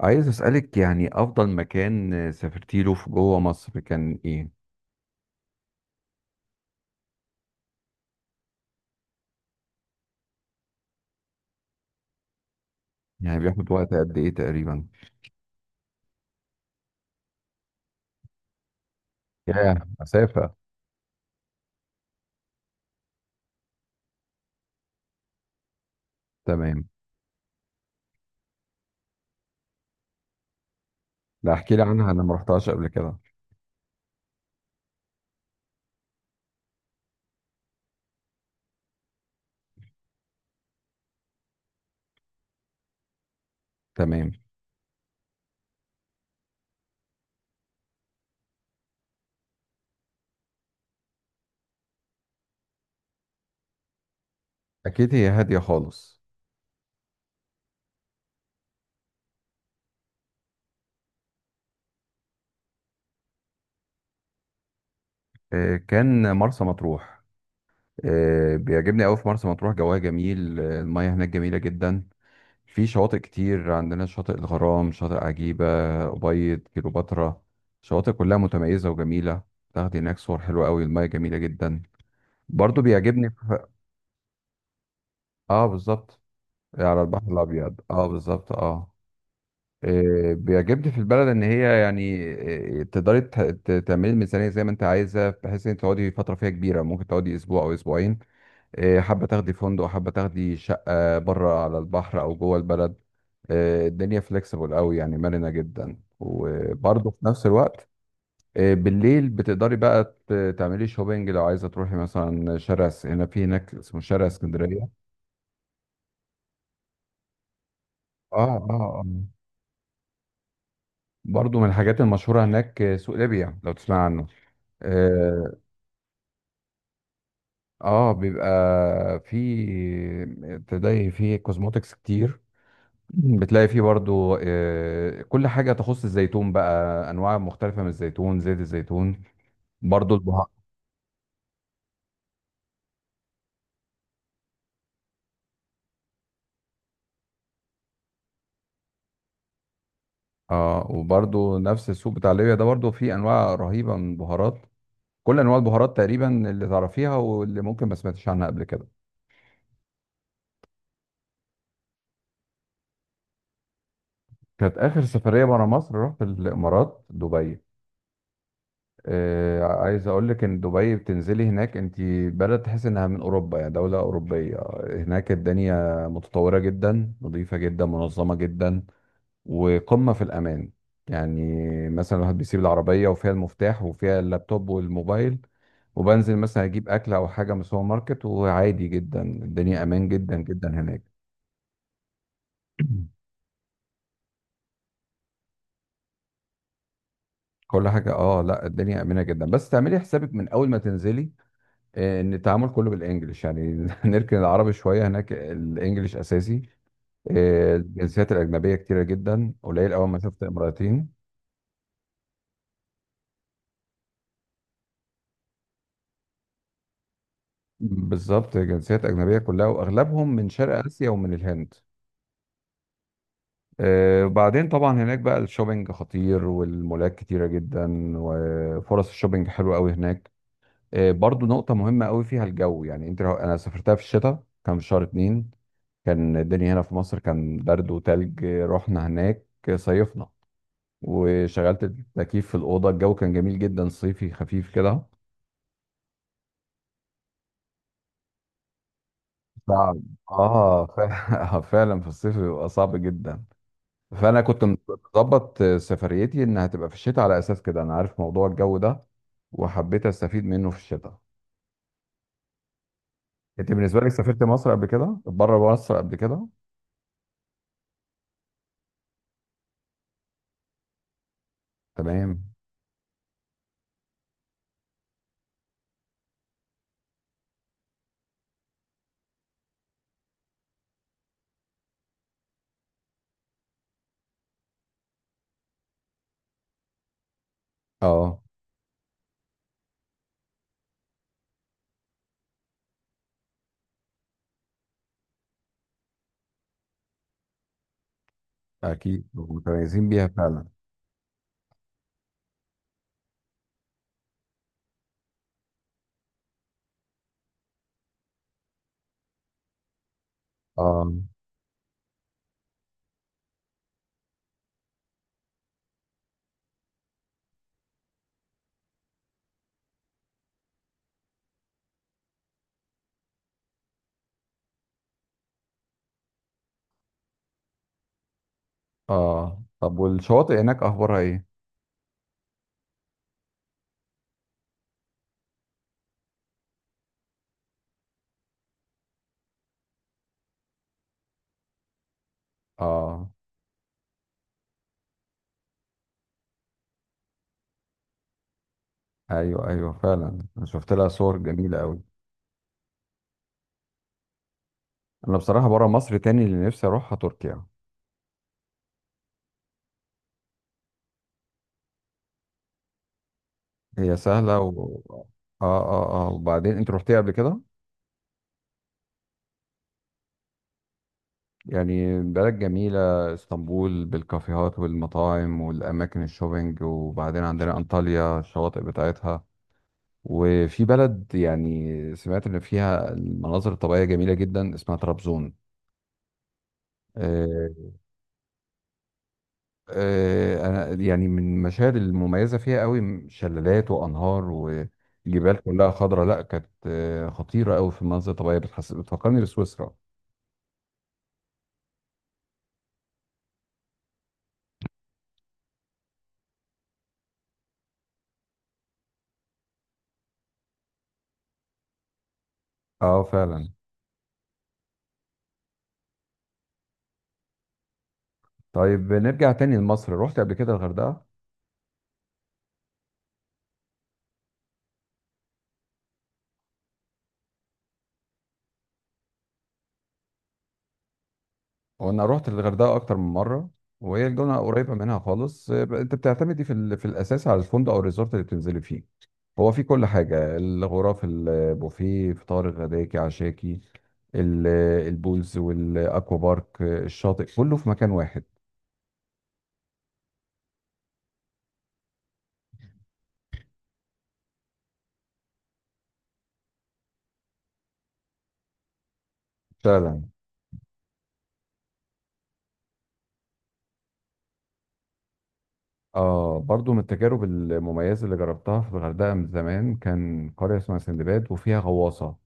عايز أسألك يعني أفضل مكان سافرتي له في جوه مصر كان إيه؟ يعني بياخد وقت قد إيه تقريبا؟ ياه مسافة. تمام. لا، احكي لي عنها، أنا ما رحتهاش قبل كده. تمام. أكيد هي هادية خالص. كان مرسى مطروح. بيعجبني أوي في مرسى مطروح، جواها جميل. المياه هناك جميلة جدا. في شواطئ كتير عندنا، شاطئ الغرام، شاطئ عجيبة، أبيض، كيلوباترا. شواطئ كلها متميزة وجميلة. تاخدي هناك صور حلوة أوي، المياه جميلة جدا. برضو بيعجبني. اه بالظبط، على البحر الابيض، اه بالظبط اه. إيه بيعجبني في البلد ان هي، يعني إيه، تقدري تعملي الميزانيه زي ما انت عايزه، بحيث ان انت تقعدي فتره فيها كبيره، ممكن تقعدي اسبوع او اسبوعين. إيه حابه تاخدي فندق، حابه تاخدي شقه بره على البحر او جوه البلد. إيه الدنيا فليكسيبل قوي، يعني مرنه جدا، وبرضه في نفس الوقت إيه بالليل بتقدري بقى تعملي شوبينج لو عايزه تروحي مثلا شارع هنا، في هناك اسمه شارع اسكندريه. اه اه اه. برضو من الحاجات المشهورة هناك سوق ليبيا، لو تسمع عنه. اه. بيبقى في، تلاقي فيه كوزموتكس كتير، بتلاقي فيه برضو كل حاجة تخص الزيتون بقى، أنواع مختلفة من الزيتون، زيت الزيتون، برضو البهار. اه، وبرضو نفس السوق بتاع ليبيا ده برضو فيه أنواع رهيبة من البهارات، كل أنواع البهارات تقريبا اللي تعرفيها، واللي ممكن ما سمعتش عنها قبل كده. كانت آخر سفرية برا مصر، رحت الإمارات، دبي. عايز اقول لك ان دبي بتنزلي هناك انت بلد تحس انها من اوروبا، يعني دولة اوروبية. هناك الدنيا متطورة جدا، نظيفة جدا، منظمة جدا، وقمة في الامان. يعني مثلا الواحد بيسيب العربية وفيها المفتاح وفيها اللابتوب والموبايل، وبنزل مثلا اجيب اكل او حاجة من السوبر ماركت، وعادي جدا، الدنيا امان جدا جدا هناك. كل حاجة، اه لا، الدنيا امنة جدا، بس تعملي حسابك من اول ما تنزلي ان التعامل كله بالانجلش، يعني نركن العربي شويه، هناك الانجليش اساسي. الجنسيات الاجنبيه كتيره جدا، قليل اول ما شفت امرأتين. بالظبط، جنسيات اجنبيه كلها، واغلبهم من شرق اسيا ومن الهند. وبعدين طبعا هناك بقى الشوبينج خطير، والمولات كتيره جدا، وفرص الشوبينج حلوه قوي هناك. برضو نقطه مهمه قوي فيها الجو، يعني انت لو، انا سافرتها في الشتاء كان في شهر 2، كان الدنيا هنا في مصر كان برد وتلج. رحنا هناك صيفنا، وشغلت التكييف في الأوضة، الجو كان جميل جدا، صيفي خفيف كده. صعب. اه فعلا في الصيف بيبقى صعب جدا. فأنا كنت مظبط سفريتي إنها هتبقى في الشتاء، على أساس كده أنا عارف موضوع الجو ده، وحبيت أستفيد منه في الشتاء. أنت بالنسبة لك سافرت مصر قبل كده؟ بره مصر قبل كده؟ تمام. اه، أكيد متميزين بيها فعلا. اه اه. طب والشواطئ هناك أخبارها إيه؟ اه، ايوه ايوه، فعلا أنا شفت لها صور جميله قوي. انا بصراحه، بره مصر تاني اللي نفسي اروحها تركيا. هي سهله اه. اه اه، وبعدين انت رحتيها قبل كده؟ يعني بلد جميله، اسطنبول بالكافيهات والمطاعم والاماكن الشوبينج، وبعدين عندنا انطاليا الشواطئ بتاعتها. وفي بلد يعني سمعت ان فيها المناظر الطبيعيه جميله جدا، اسمها طرابزون. آه، انا يعني من المشاهد المميزه فيها قوي شلالات وانهار وجبال كلها خضراء، لا كانت خطيره قوي في المناظر الطبيعيه، بتحس بتفكرني بسويسرا. اه فعلا. طيب نرجع تاني لمصر، رحت قبل كده الغردقه؟ وانا رحت الغردقه اكتر من مره، وهي الجونه قريبه منها خالص. انت بتعتمدي في الاساس على الفندق او الريزورت اللي بتنزلي فيه. هو في كل حاجه، الغرف، البوفيه، فطار غداكي عشاكي، ال- البولز والاكوا بارك. الشاطئ كله في مكان واحد. فعلا. اه، برضو من التجارب المميزه اللي جربتها في الغردقه من زمان كان قريه اسمها سندباد وفيها غواصه.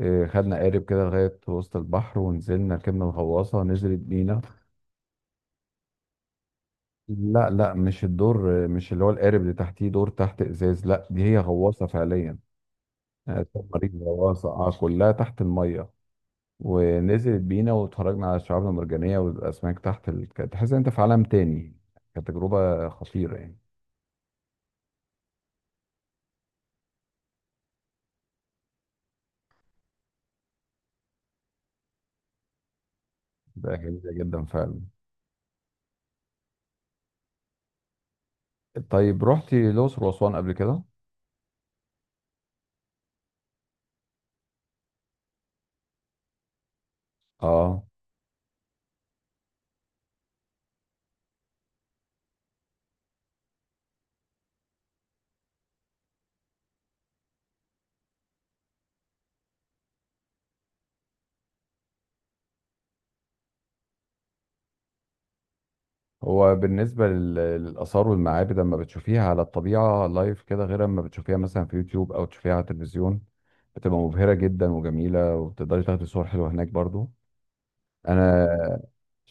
خدنا قارب كده لغايه وسط البحر، ونزلنا ركبنا الغواصه، نزلت بينا. لا لا، مش الدور، مش اللي هو القارب اللي تحتيه دور تحت ازاز، لا دي هي غواصه فعليا. سبمارين، غواصه، اه كلها تحت الميه، ونزلت بينا، واتفرجنا على الشعاب المرجانيه والاسماك تحت كانت تحس ان انت في عالم تاني. كانت تجربه خطيره يعني. ده جميله جدا فعلا. طيب رحتي الاقصر واسوان قبل كده؟ اه. هو بالنسبة للآثار والمعابد، لما بتشوفيها على الطبيعة لايف كده، غير لما بتشوفيها مثلا في يوتيوب أو تشوفيها على التلفزيون، بتبقى مبهرة جدا وجميلة، وبتقدري تاخدي صور حلوة هناك برضو. أنا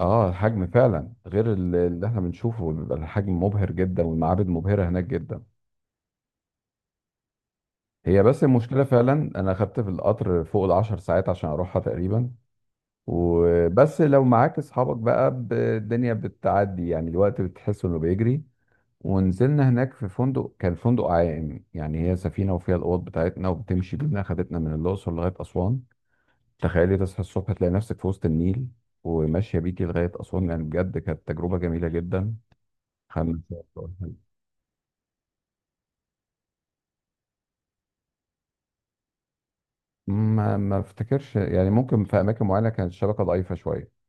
الحجم فعلا غير اللي احنا بنشوفه، بيبقى الحجم مبهر جدا، والمعابد مبهرة هناك جدا. هي بس المشكلة، فعلا أنا خدت في القطر فوق ال10 ساعات عشان أروحها تقريبا. وبس لو معاك أصحابك بقى، الدنيا بتعدي، يعني الوقت بتحس إنه بيجري. ونزلنا هناك في فندق، كان فندق عائم، يعني هي سفينة وفيها الأوض بتاعتنا وبتمشي بينا، خدتنا من الأقصر لغاية أسوان. تخيلي تصحى الصبح تلاقي نفسك في وسط النيل، وماشية بيكي لغاية أسوان، يعني بجد كانت تجربة جميلة جدا. خمس. ما افتكرش، يعني ممكن في أماكن معينة كانت الشبكة ضعيفة شوية.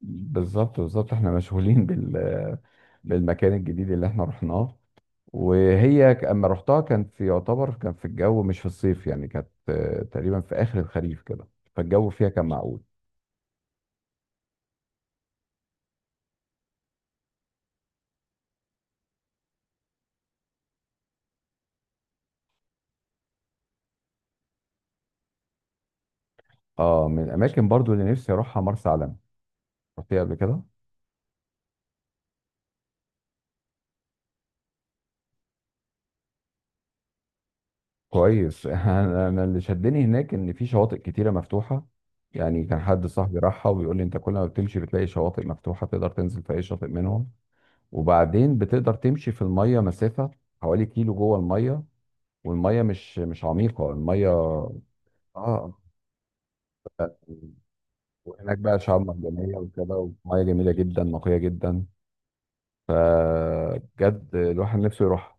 بالظبط بالظبط، احنا مشغولين بالمكان الجديد اللي احنا رحناه. وهي اما رحتها كان في، يعتبر كان في الجو مش في الصيف، يعني كانت تقريبا في اخر الخريف كده، فالجو فيها كان معقول. اه، من الاماكن برضو اللي نفسي اروحها مرسى علم، رحتيها قبل كده؟ كويس أنا اللي شدني هناك ان في شواطئ كتيره مفتوحه، يعني كان حد صاحبي راحها وبيقول لي انت كل ما بتمشي بتلاقي شواطئ مفتوحه، تقدر تنزل في اي شاطئ منهم. وبعدين بتقدر تمشي في الميه مسافه حوالي كيلو جوه الميه، والميه مش عميقه الميه. اه. وهناك بقى شعاب مرجانية وكده، ومياه جميلة جدا، نقية جدا، فبجد الواحد نفسه يروح.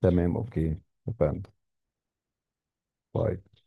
تمام اوكي. فاهم. طيب.